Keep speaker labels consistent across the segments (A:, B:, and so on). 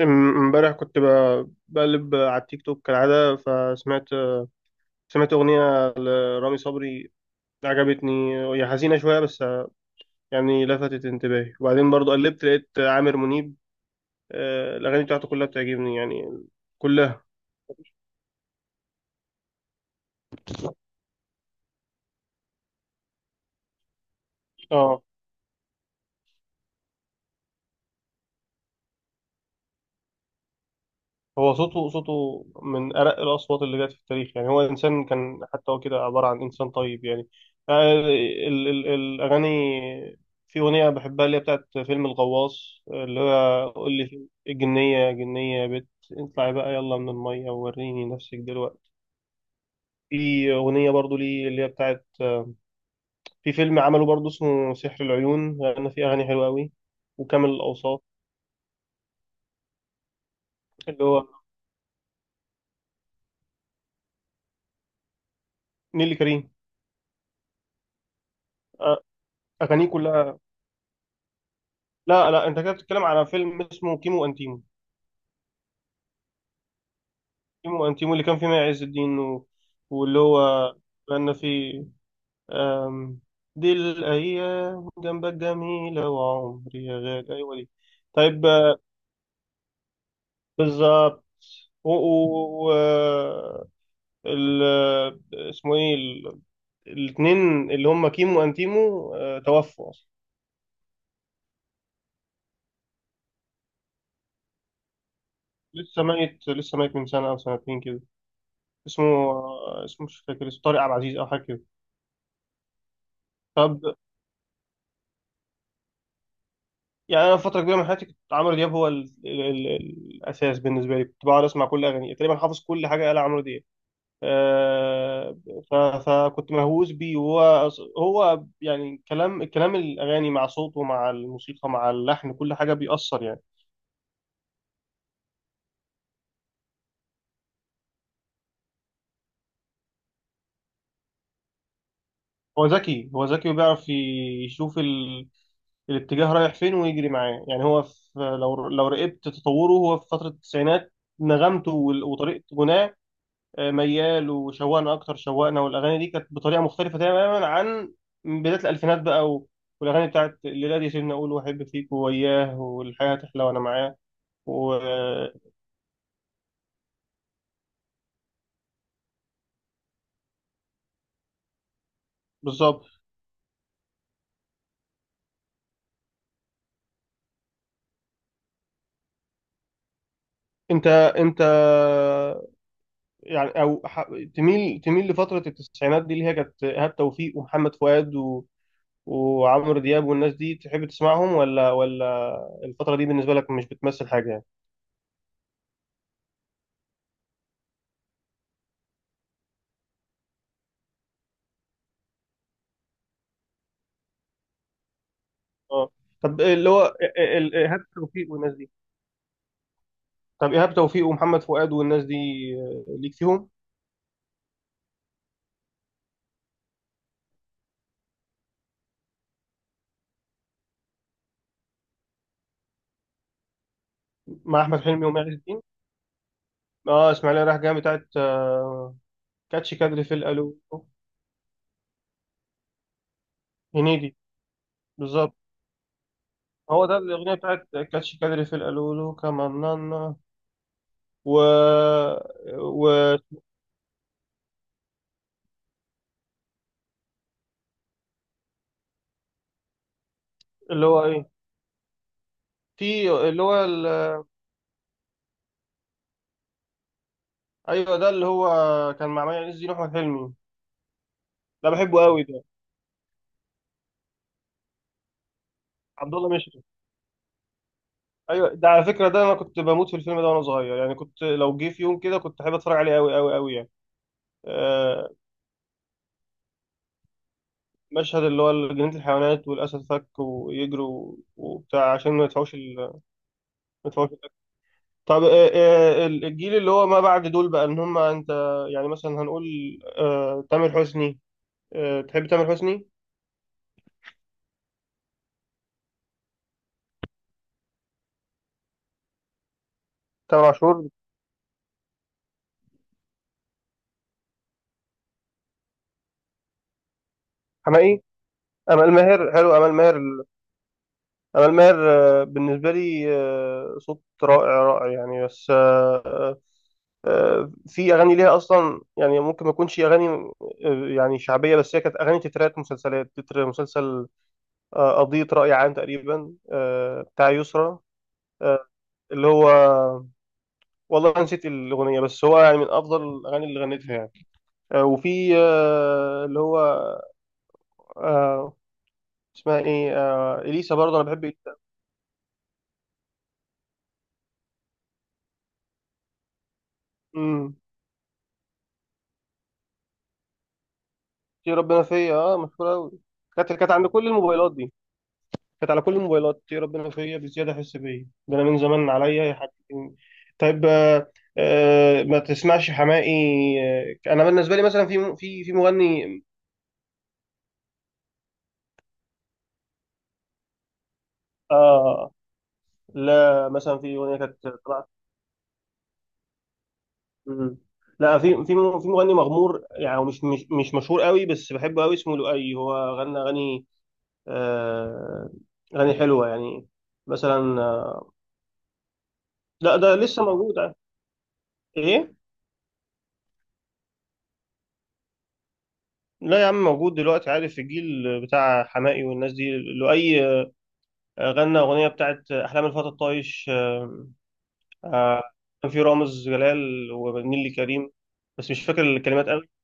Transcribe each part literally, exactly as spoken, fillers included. A: ام- امبارح كنت ب- بقلب على التيك توك كالعادة، فسمعت سمعت أغنية لرامي صبري. عجبتني، هي حزينة شوية بس يعني لفتت انتباهي. وبعدين برضو قلبت لقيت عامر منيب. آه، الأغاني بتاعته كلها بتعجبني يعني، كلها. اه، هو صوته صوته من أرق الأصوات اللي جت في التاريخ يعني. هو إنسان كان، حتى هو كده عبارة عن إنسان طيب يعني. آه، ال ال الأغاني، في أغنية بحبها اللي هي بتاعت فيلم الغواص، اللي هو قول لي في- الجنية، يا جنية يا بت اطلعي بقى يلا من المية ووريني نفسك دلوقتي. في أغنية برضو ليه اللي هي بتاعت، في فيلم عمله برضو اسمه سحر العيون، لأن في أغاني حلوة أوي. وكامل الأوصاف، اللي هو نيلي كريم. آه، أغانيه كلها. لا لا، انت كده بتتكلم على فيلم اسمه كيمو وانتيمو. كيمو وانتيمو اللي كان فيه مي عز الدين و... واللي هو كان فيه أم... دي الايام جنبك جميله وعمري يا غالي، ايوه دي. طيب، آه، بالظبط. و... و... و... آه، ال... آه، اسمه ايه ال... الاثنين اللي هم كيمو وانتيمو، آه، توفوا اصلا. لسه ميت، لسه ميت من سنه او سنتين كده. اسمه، آه، اسمه مش فاكر، اسمه طارق عبد العزيز او حاجه كده. طب، يعني انا فتره كبيره من حياتي كنت عمرو دياب هو ال... ال... ال... الاساس بالنسبه لي. كنت بقعد اسمع كل اغانيه تقريبا، حافظ كل حاجه قال عمرو دياب. آه... ف... فكنت مهووس بيه. وهو، هو يعني كلام كلام الاغاني مع صوته مع الموسيقى مع اللحن، كل حاجه بيأثر يعني. هو ذكي، هو ذكي وبيعرف يشوف ال... الاتجاه رايح فين ويجري معاه يعني. هو في... لو لو راقبت تطوره، هو في فتره التسعينات نغمته وال- وطريقه غناه ميال وشوقنا اكتر، شوقنا والاغاني دي كانت بطريقه مختلفه تماما عن بدايه الالفينات بقى. و- والاغاني بتاعت الليله دي، سيبني اقول، واحب فيك، وياه، والحياه تحلى، وانا معاه، وبالظبط. انت انت يعني، او ح- تميل تميل لفتره التسعينات دي اللي هي كانت ايهاب توفيق ومحمد فؤاد و... وعمرو دياب والناس دي، تحب تسمعهم ولا ولا الفتره دي بالنسبه لك مش بتمثل حاجه يعني؟ اه طب اللي هو ال- ال- ايهاب توفيق والناس دي، طب ايهاب توفيق ومحمد فؤاد والناس دي، آه، ليك فيهم؟ مع احمد حلمي وماجد الدين. اه اسماعيليه رايح جايه بتاعت آه، كاتش كادري في الالو. هنيدي. بالظبط. هو ده، الاغنيه بتاعت كاتش كادري في الالولو كمان نانا. و... و اللي هو ايه، في اللي هو ال... ايوه، ده اللي هو كان مع مي عز الدين واحمد حلمي. ده بحبه قوي ده. عبد الله مشرف. ايوه ده، على فكره ده انا كنت بموت في الفيلم ده وانا صغير يعني. كنت لو جه في يوم كده كنت احب اتفرج عليه قوي قوي قوي يعني. آه، مشهد اللي هو جنينة الحيوانات والأسد فك ويجروا وبتاع عشان ما يدفعوش ال... ما يدفعوش الأكل. طب، آه، آه، ال- الجيل اللي هو ما بعد دول بقى، إن هم أنت يعني مثلا هنقول آه، تامر حسني. آه، تحب تامر حسني؟ تامر عاشور. حماقي. أمال ماهر حلو، أمال ماهر ال- أمال ماهر، آه، بالنسبة لي آه، صوت رائع رائع يعني. بس آه، آه، آه، في اغاني ليها اصلا يعني، ممكن ما تكونش اغاني آه، يعني شعبيه، بس هي كانت اغاني تترات مسلسلات. تتر مسلسل آه، قضية رأي عام تقريبا، آه، بتاع يسرا. آه، اللي هو، والله نسيت الأغنية، بس هو يعني من أفضل الأغاني اللي غنتها يعني. آه، وفي آه، اللي هو آه، اسمها إيه آه، إليسا، برضه أنا بحب إليسا. مم. يا ربنا فيا، أه مشهورة أوي. كانت كانت عند كل الموبايلات دي، كانت على كل الموبايلات. يا ربنا فيا بزيادة، أحس بيا، ده أنا من زمان، عليا يا حبيبي. طيب، آه، آه، ما تسمعش حماقي. آه، أنا بالنسبة لي مثلا، في في في مغني آه، لا مثلا في اغنيه كانت طلعت. مم. لا، في في م- في مغني مغمور يعني، هو مش مش مش مشهور قوي، بس بحبه قوي اسمه لؤي. هو غنى اغاني، آه اغاني حلوه يعني. مثلا آه، لا ده لسه موجود ع- ايه. لا يا عم موجود دلوقتي، عارف، في الجيل بتاع حماقي والناس دي. لؤي آه، غنى اغنيه بتاعت احلام الفتى الطايش، آه، كان في رامز جلال ونيلي كريم، بس مش فاكر الكلمات. آه،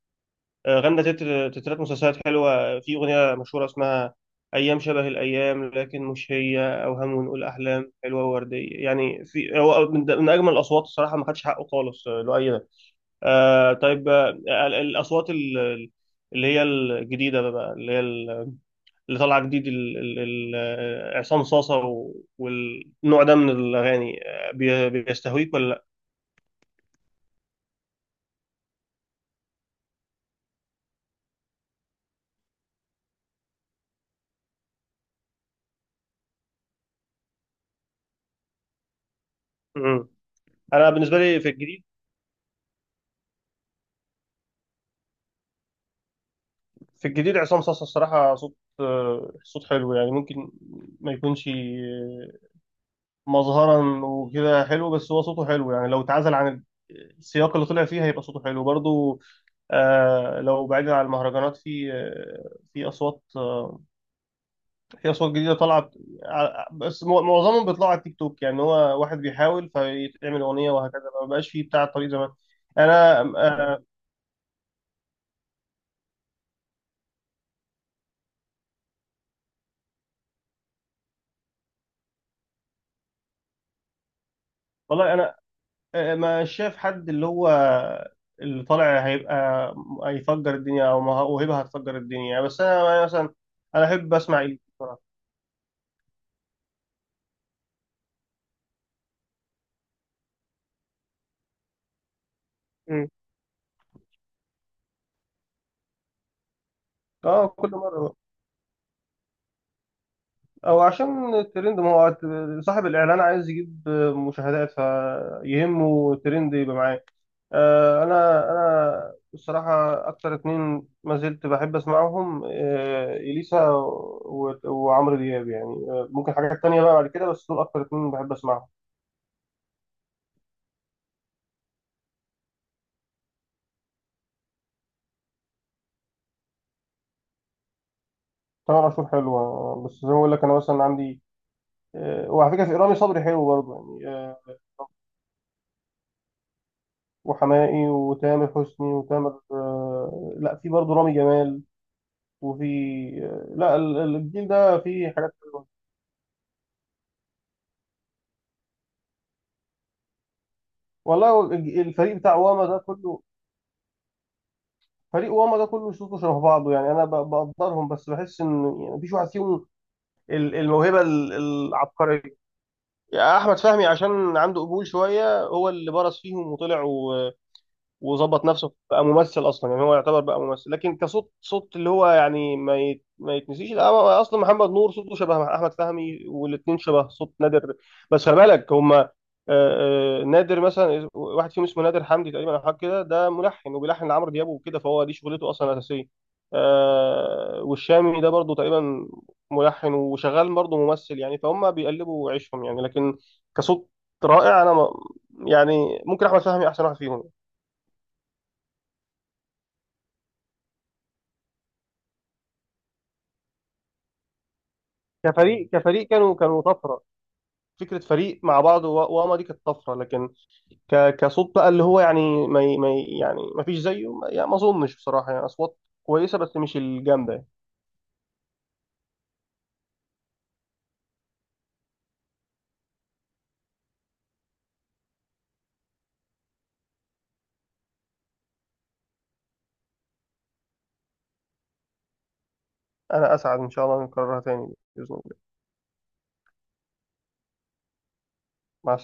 A: غنى تتر تترات مسلسلات حلوة. في أغنية مشهورة اسمها، أيام شبه الأيام لكن مش هي، أوهام ونقول أحلام حلوة ووردية يعني. في، هو من, من أجمل الأصوات، الصراحة ما خدش حقه خالص، آه، لؤي. آه طيب آه، ال- الأصوات ال- ال- اللي هي الجديدة بقى اللي هي ال- اللي طالعة جديد، ال- ال- ال- آه، عصام صاصة، و- والنوع ده من الأغاني، آه، بي- بيستهويك ولا لأ؟ مم. أنا بالنسبة لي في الجديد، في الجديد عصام صاصا الصراحة صوت، آه، صوت حلو يعني. ممكن ما يكونش آه، مظهرا وكده حلو، بس هو صوته حلو يعني، لو اتعزل عن السياق اللي طلع فيه هيبقى صوته حلو برضو. آه، لو بعيد عن المهرجانات في آه، في أصوات آه، في أصوات جديدة طلعت، ع- بس مو- معظمهم بيطلعوا على التيك توك يعني، هو واحد بيحاول فيتعمل أغنية وهكذا، ما بقاش فيه بتاع الطريق زمان. أنا آه، والله أنا آه، ما شاف حد اللي هو اللي طالع هيبقى، هيفجر الدنيا او مه- موهبه هتفجر الدنيا يعني. بس انا أنا مثلا انا احب اسمع إليسا بصراحه. مم. اه كل مره، او عشان الترند، ما هو صاحب الاعلان عايز يجيب مشاهدات، فيهمه الترند يبقى معاه. آه، انا انا الصراحه اكتر اتنين ما زلت بحب اسمعهم، آه، اليسا و- وعمرو دياب يعني. آه، ممكن حاجات تانية بقى بعد كده، بس دول اكتر اتنين بحب اسمعهم. تامر عاشور حلوة، بس زي ما بقول لك أنا مثلا عندي آه، وعلى فكرة في رامي صبري حلو برضه يعني، آه، وحماقي وتامر حسني وتامر آه، لا في برضه رامي جمال، وفي آه، لا ال- ال- الجيل ده فيه حاجات حلوة. والله هو الج- الفريق بتاع واما ده كله، فريق واما ده كله صوته شبه بعضه يعني. أنا ب- بقدرهم، بس بحس إن يعني مفيش واحد فيهم ال- الموهبة ال- العبقرية. يعني أحمد فهمي عشان عنده قبول شوية هو اللي برز فيهم وطلع وظبط نفسه بقى ممثل اصلا يعني، هو يعتبر بقى ممثل، لكن كصوت صوت اللي هو يعني ما يت- ما يتنسيش. لا هو اصلا محمد نور صوته شبه احمد فهمي، والاثنين شبه صوت نادر. بس خلي بالك هما، آه، آه، نادر مثلا واحد فيهم اسمه نادر حمدي تقريبا او حاجه كده، ده ملحن وبيلحن لعمرو دياب وكده، فهو دي شغلته اصلا الاساسيه. آه، والشامي ده برضه تقريبا ملحن وشغال برضه ممثل يعني، فهم بيقلبوا عيشهم يعني. لكن كصوت رائع، انا ما- يعني ممكن احمد فهمي احسن واحد فيهم. كفريق كفريق كانوا كانوا طفره، فكره فريق مع بعض، و- واما دي كانت طفره، لكن ك- كصوت بقى اللي هو يعني ما ي- ما ي- يعني ما فيش زيه، ما يعني ما اظنش بصراحه يعني. اصوات كويسه بس مش الجامده يعني. انا اسعد ان شاء الله نكررها تاني باذن الله. مع